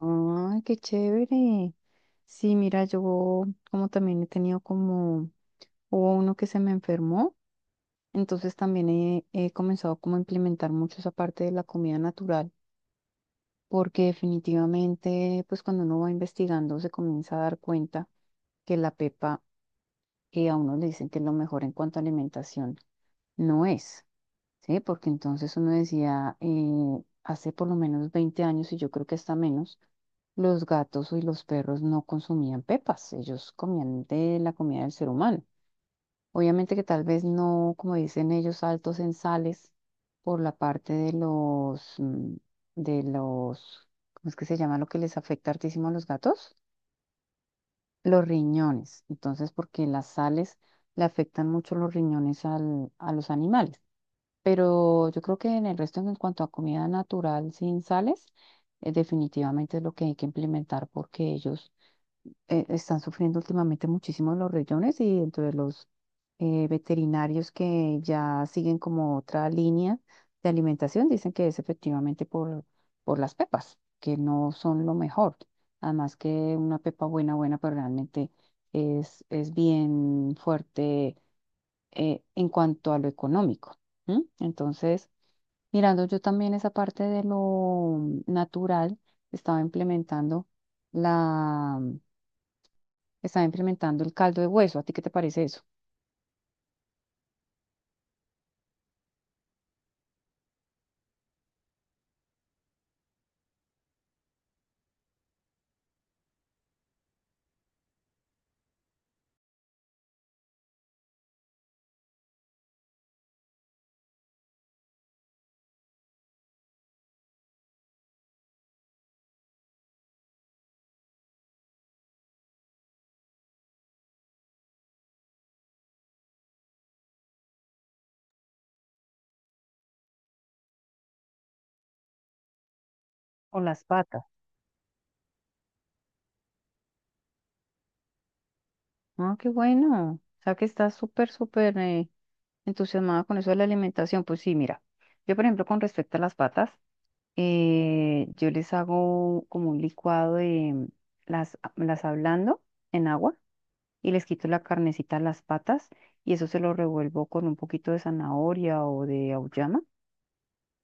Ay, qué chévere. Sí, mira, yo como también he tenido como, hubo uno que se me enfermó, entonces también he comenzado como a implementar mucho esa parte de la comida natural, porque definitivamente, pues cuando uno va investigando se comienza a dar cuenta que la pepa, que a uno le dicen que es lo mejor en cuanto a alimentación, no es. Sí, porque entonces uno decía, hace por lo menos 20 años, y yo creo que hasta menos, los gatos y los perros no consumían pepas, ellos comían de la comida del ser humano. Obviamente que tal vez no, como dicen ellos, altos en sales por la parte de los, de los, ¿cómo es que se llama lo que les afecta hartísimo a los gatos? Los riñones. Entonces, porque las sales le afectan mucho los riñones al- a los animales. Pero yo creo que en el resto, en cuanto a comida natural sin sales, definitivamente es lo que hay que implementar porque ellos están sufriendo últimamente muchísimo los riñones y entre los veterinarios que ya siguen como otra línea de alimentación, dicen que es efectivamente por las pepas, que no son lo mejor. Además que una pepa buena, buena, pero realmente es bien fuerte en cuanto a lo económico. ¿M? Entonces... Mirando yo también esa parte de lo natural, estaba implementando la, estaba implementando el caldo de hueso. ¿A ti qué te parece eso? O las patas. Ah, qué bueno. O sea que estás súper, súper entusiasmada con eso de la alimentación. Pues sí, mira, yo por ejemplo con respecto a las patas, yo les hago como un licuado de las ablando en agua y les quito la carnecita a las patas y eso se lo revuelvo con un poquito de zanahoria o de auyama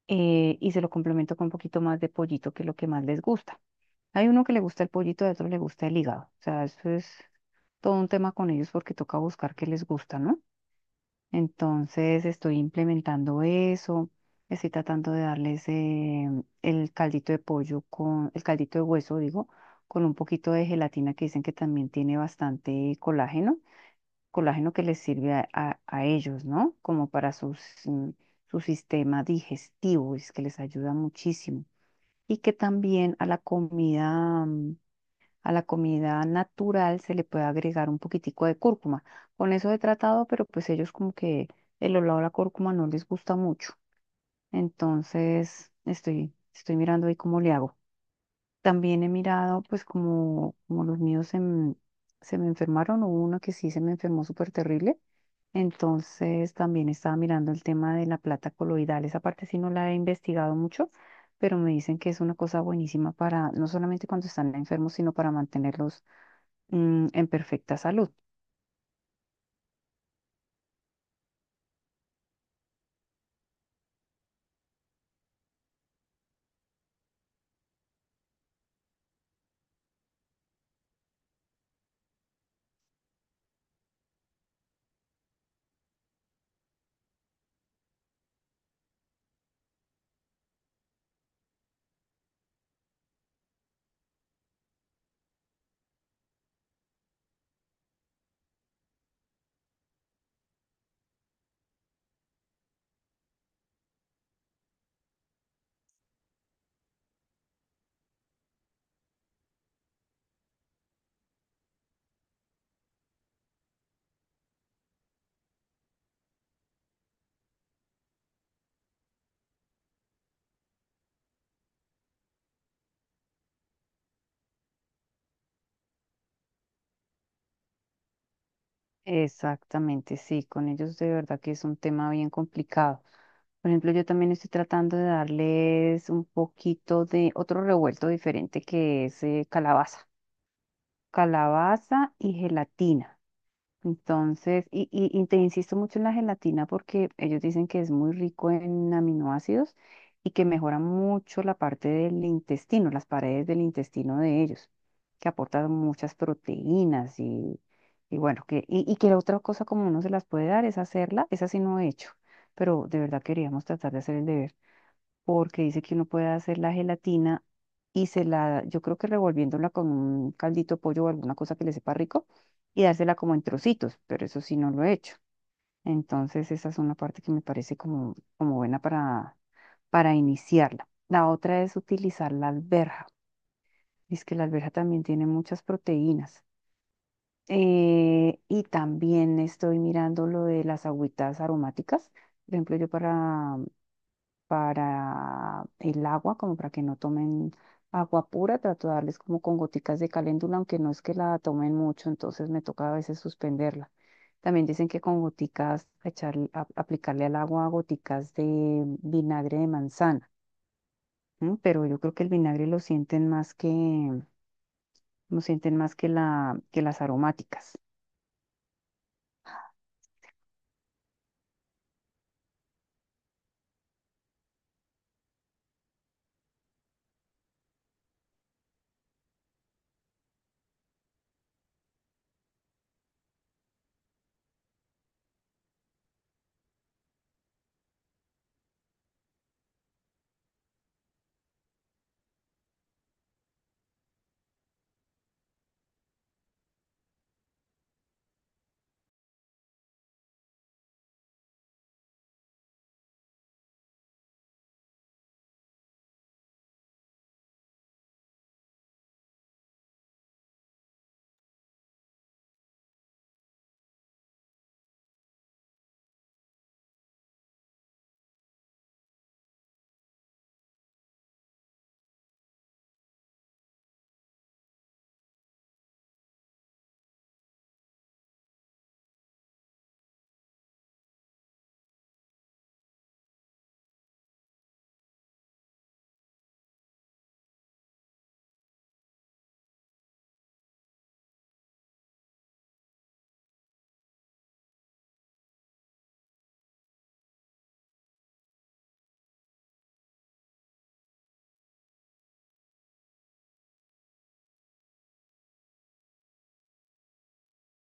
y se lo complemento con un poquito más de pollito, que es lo que más les gusta. Hay uno que le gusta el pollito, hay otro le gusta el hígado. O sea, eso es todo un tema con ellos porque toca buscar qué les gusta, ¿no? Entonces estoy implementando eso, estoy tratando de darles el caldito de hueso, digo, con un poquito de gelatina que dicen que también tiene bastante colágeno que les sirve a ellos, ¿no? Como para sus, mm, su sistema digestivo, es que les ayuda muchísimo. Y que también a la comida, a la comida natural se le puede agregar un poquitico de cúrcuma. Con eso he tratado, pero pues ellos como que el olor a la cúrcuma no les gusta mucho. Entonces, estoy mirando ahí cómo le hago. También he mirado, pues como, como los míos se me enfermaron, hubo uno que sí se me enfermó súper terrible. Entonces también estaba mirando el tema de la plata coloidal. Esa parte sí no la he investigado mucho, pero me dicen que es una cosa buenísima para, no solamente cuando están enfermos, sino para mantenerlos en perfecta salud. Exactamente, sí, con ellos de verdad que es un tema bien complicado. Por ejemplo, yo también estoy tratando de darles un poquito de otro revuelto diferente que es calabaza y gelatina. Entonces, y te insisto mucho en la gelatina porque ellos dicen que es muy rico en aminoácidos y que mejora mucho la parte del intestino, las paredes del intestino de ellos, que aportan muchas proteínas y bueno, y que la otra cosa como uno se las puede dar es hacerla, esa sí no he hecho, pero de verdad queríamos tratar de hacer el deber porque dice que uno puede hacer la gelatina y yo creo que revolviéndola con un caldito de pollo o alguna cosa que le sepa rico y dársela como en trocitos, pero eso sí no lo he hecho. Entonces esa es una parte que me parece como buena para, iniciarla. La otra es utilizar la alberja. Es que la alberja también tiene muchas proteínas. Y también estoy mirando lo de las agüitas aromáticas. Por ejemplo, yo para el agua, como para que no tomen agua pura, trato de darles como con goticas de caléndula, aunque no es que la tomen mucho, entonces me toca a veces suspenderla. También dicen que con goticas, aplicarle al agua goticas de vinagre de manzana, ¿m? Pero yo creo que el vinagre lo sienten lo sienten más que que las aromáticas.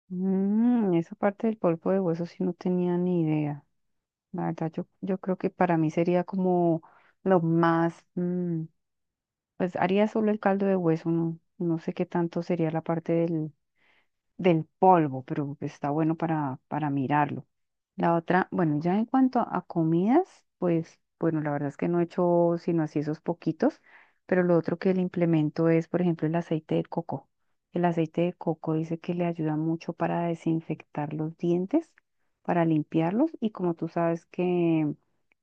Mm, esa parte del polvo de hueso sí no tenía ni idea. La verdad, yo creo que para mí sería como lo más, pues haría solo el caldo de hueso, no, no sé qué tanto sería la parte del polvo, pero está bueno para, mirarlo. La otra, bueno, ya en cuanto a comidas, pues bueno, la verdad es que no he hecho sino así esos poquitos, pero lo otro que le implemento es, por ejemplo, el aceite de coco. El aceite de coco dice que le ayuda mucho para desinfectar los dientes, para limpiarlos y como tú sabes que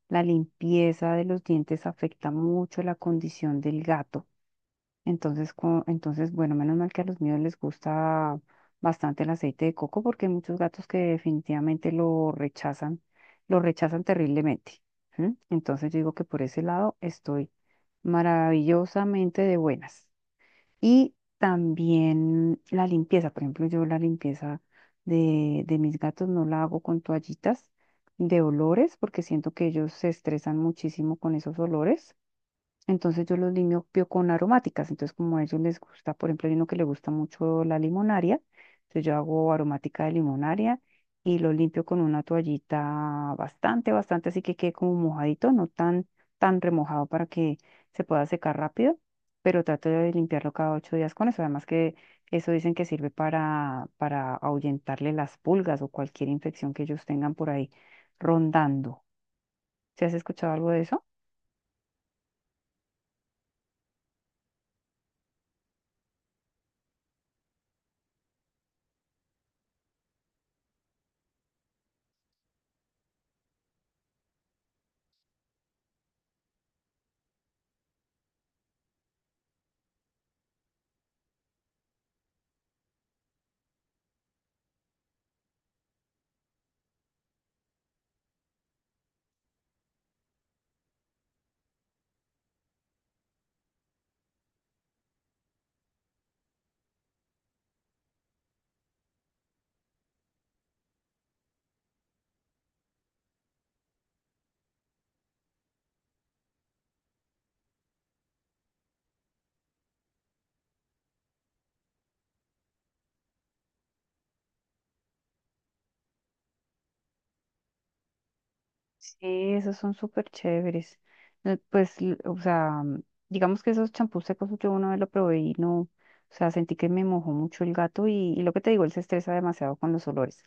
la limpieza de los dientes afecta mucho la condición del gato. Entonces, entonces, bueno, menos mal que a los míos les gusta bastante el aceite de coco porque hay muchos gatos que definitivamente lo rechazan terriblemente. ¿Sí? Entonces, yo digo que por ese lado estoy maravillosamente de buenas. Y también la limpieza, por ejemplo, yo la limpieza de mis gatos no la hago con toallitas de olores porque siento que ellos se estresan muchísimo con esos olores. Entonces yo los limpio con aromáticas. Entonces como a ellos les gusta, por ejemplo, hay uno que le gusta mucho la limonaria. Entonces yo hago aromática de limonaria y lo limpio con una toallita bastante, bastante, así que quede como mojadito, no tan, tan remojado para que se pueda secar rápido, pero trato de limpiarlo cada 8 días con eso. Además que eso dicen que sirve para, ahuyentarle las pulgas o cualquier infección que ellos tengan por ahí rondando. ¿Se has escuchado algo de eso? Sí, esos son súper chéveres. Pues, o sea, digamos que esos champús secos yo una vez lo probé y no, o sea, sentí que me mojó mucho el gato y lo que te digo, él se estresa demasiado con los olores.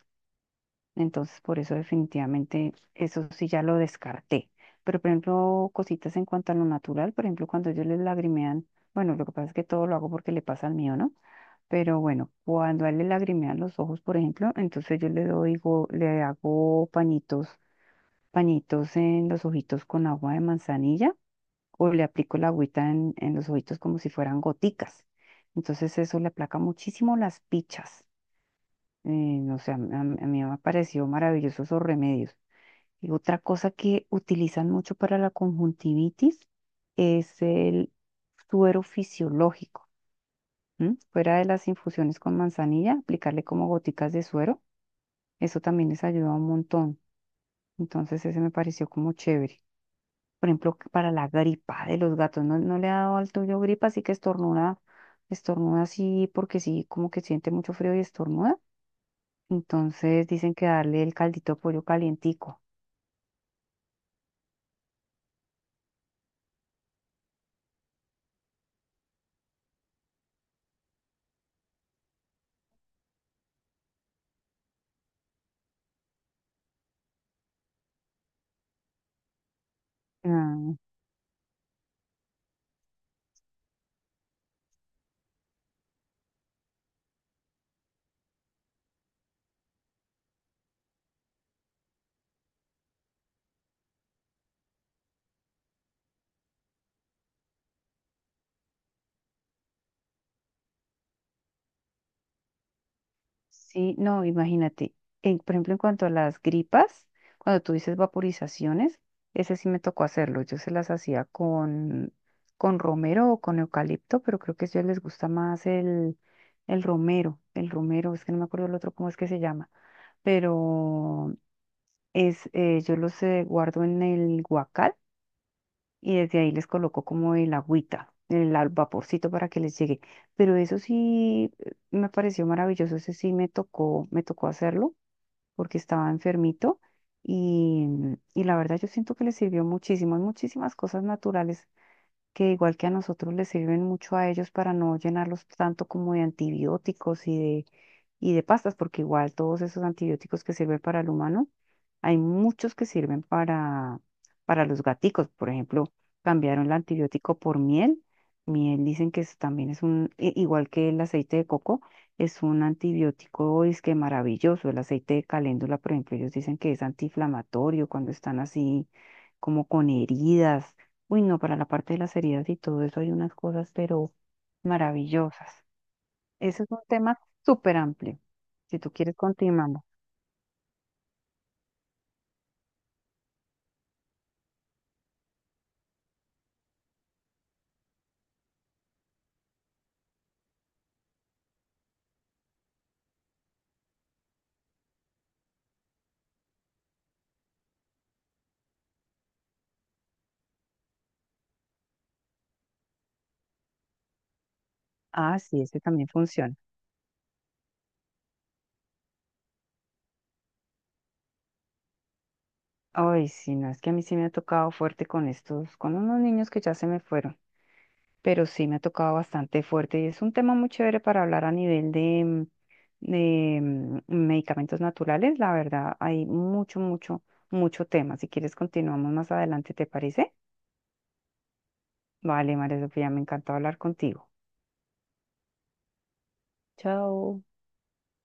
Entonces, por eso definitivamente eso sí ya lo descarté. Pero, por ejemplo, cositas en cuanto a lo natural, por ejemplo, cuando ellos les lagrimean, bueno, lo que pasa es que todo lo hago porque le pasa al mío, ¿no? Pero bueno, cuando a él le lagrimean los ojos, por ejemplo, entonces yo le hago pañitos en los ojitos con agua de manzanilla o le aplico la agüita en los ojitos como si fueran goticas. Entonces eso le aplaca muchísimo las pichas. O sea, a mí me pareció maravilloso esos remedios. Y otra cosa que utilizan mucho para la conjuntivitis es el suero fisiológico. ¿M? Fuera de las infusiones con manzanilla, aplicarle como goticas de suero. Eso también les ayuda un montón. Entonces ese me pareció como chévere. Por ejemplo, que para la gripa de los gatos, ¿no, no le ha dado al tuyo gripa? Así que estornuda, así porque sí, como que siente mucho frío y estornuda. Entonces dicen que darle el caldito de pollo calientico. Ah, sí, no, imagínate. Por ejemplo, en cuanto a las gripas, cuando tú dices vaporizaciones, ese sí me tocó hacerlo. Yo se las hacía con romero o con eucalipto, pero creo que a ellos les gusta más el romero. El romero, es que no me acuerdo el otro cómo es que se llama. Pero yo los guardo en el guacal y desde ahí les coloco como el agüita, el al vaporcito para que les llegue. Pero eso sí me pareció maravilloso, ese sí me tocó hacerlo porque estaba enfermito y, y la verdad yo siento que les sirvió muchísimo. Hay muchísimas cosas naturales que igual que a nosotros les sirven mucho a ellos para no llenarlos tanto como de antibióticos y de pastas, porque igual todos esos antibióticos que sirven para el humano, hay muchos que sirven para, los gaticos. Por ejemplo, cambiaron el antibiótico por miel. Miel dicen que también es igual que el aceite de coco, es un antibiótico es que maravilloso. El aceite de caléndula, por ejemplo, ellos dicen que es antiinflamatorio cuando están así como con heridas. Uy, no, para la parte de las heridas y todo eso hay unas cosas, pero maravillosas. Ese es un tema súper amplio. Si tú quieres, continuamos. Ah, sí, ese también funciona. Ay, sí, no, es que a mí sí me ha tocado fuerte con estos, con unos niños que ya se me fueron, pero sí me ha tocado bastante fuerte y es un tema muy chévere para hablar a nivel de, medicamentos naturales. La verdad, hay mucho, mucho, mucho tema. Si quieres, continuamos más adelante, ¿te parece? Vale, María Sofía, me encantó hablar contigo. Chao.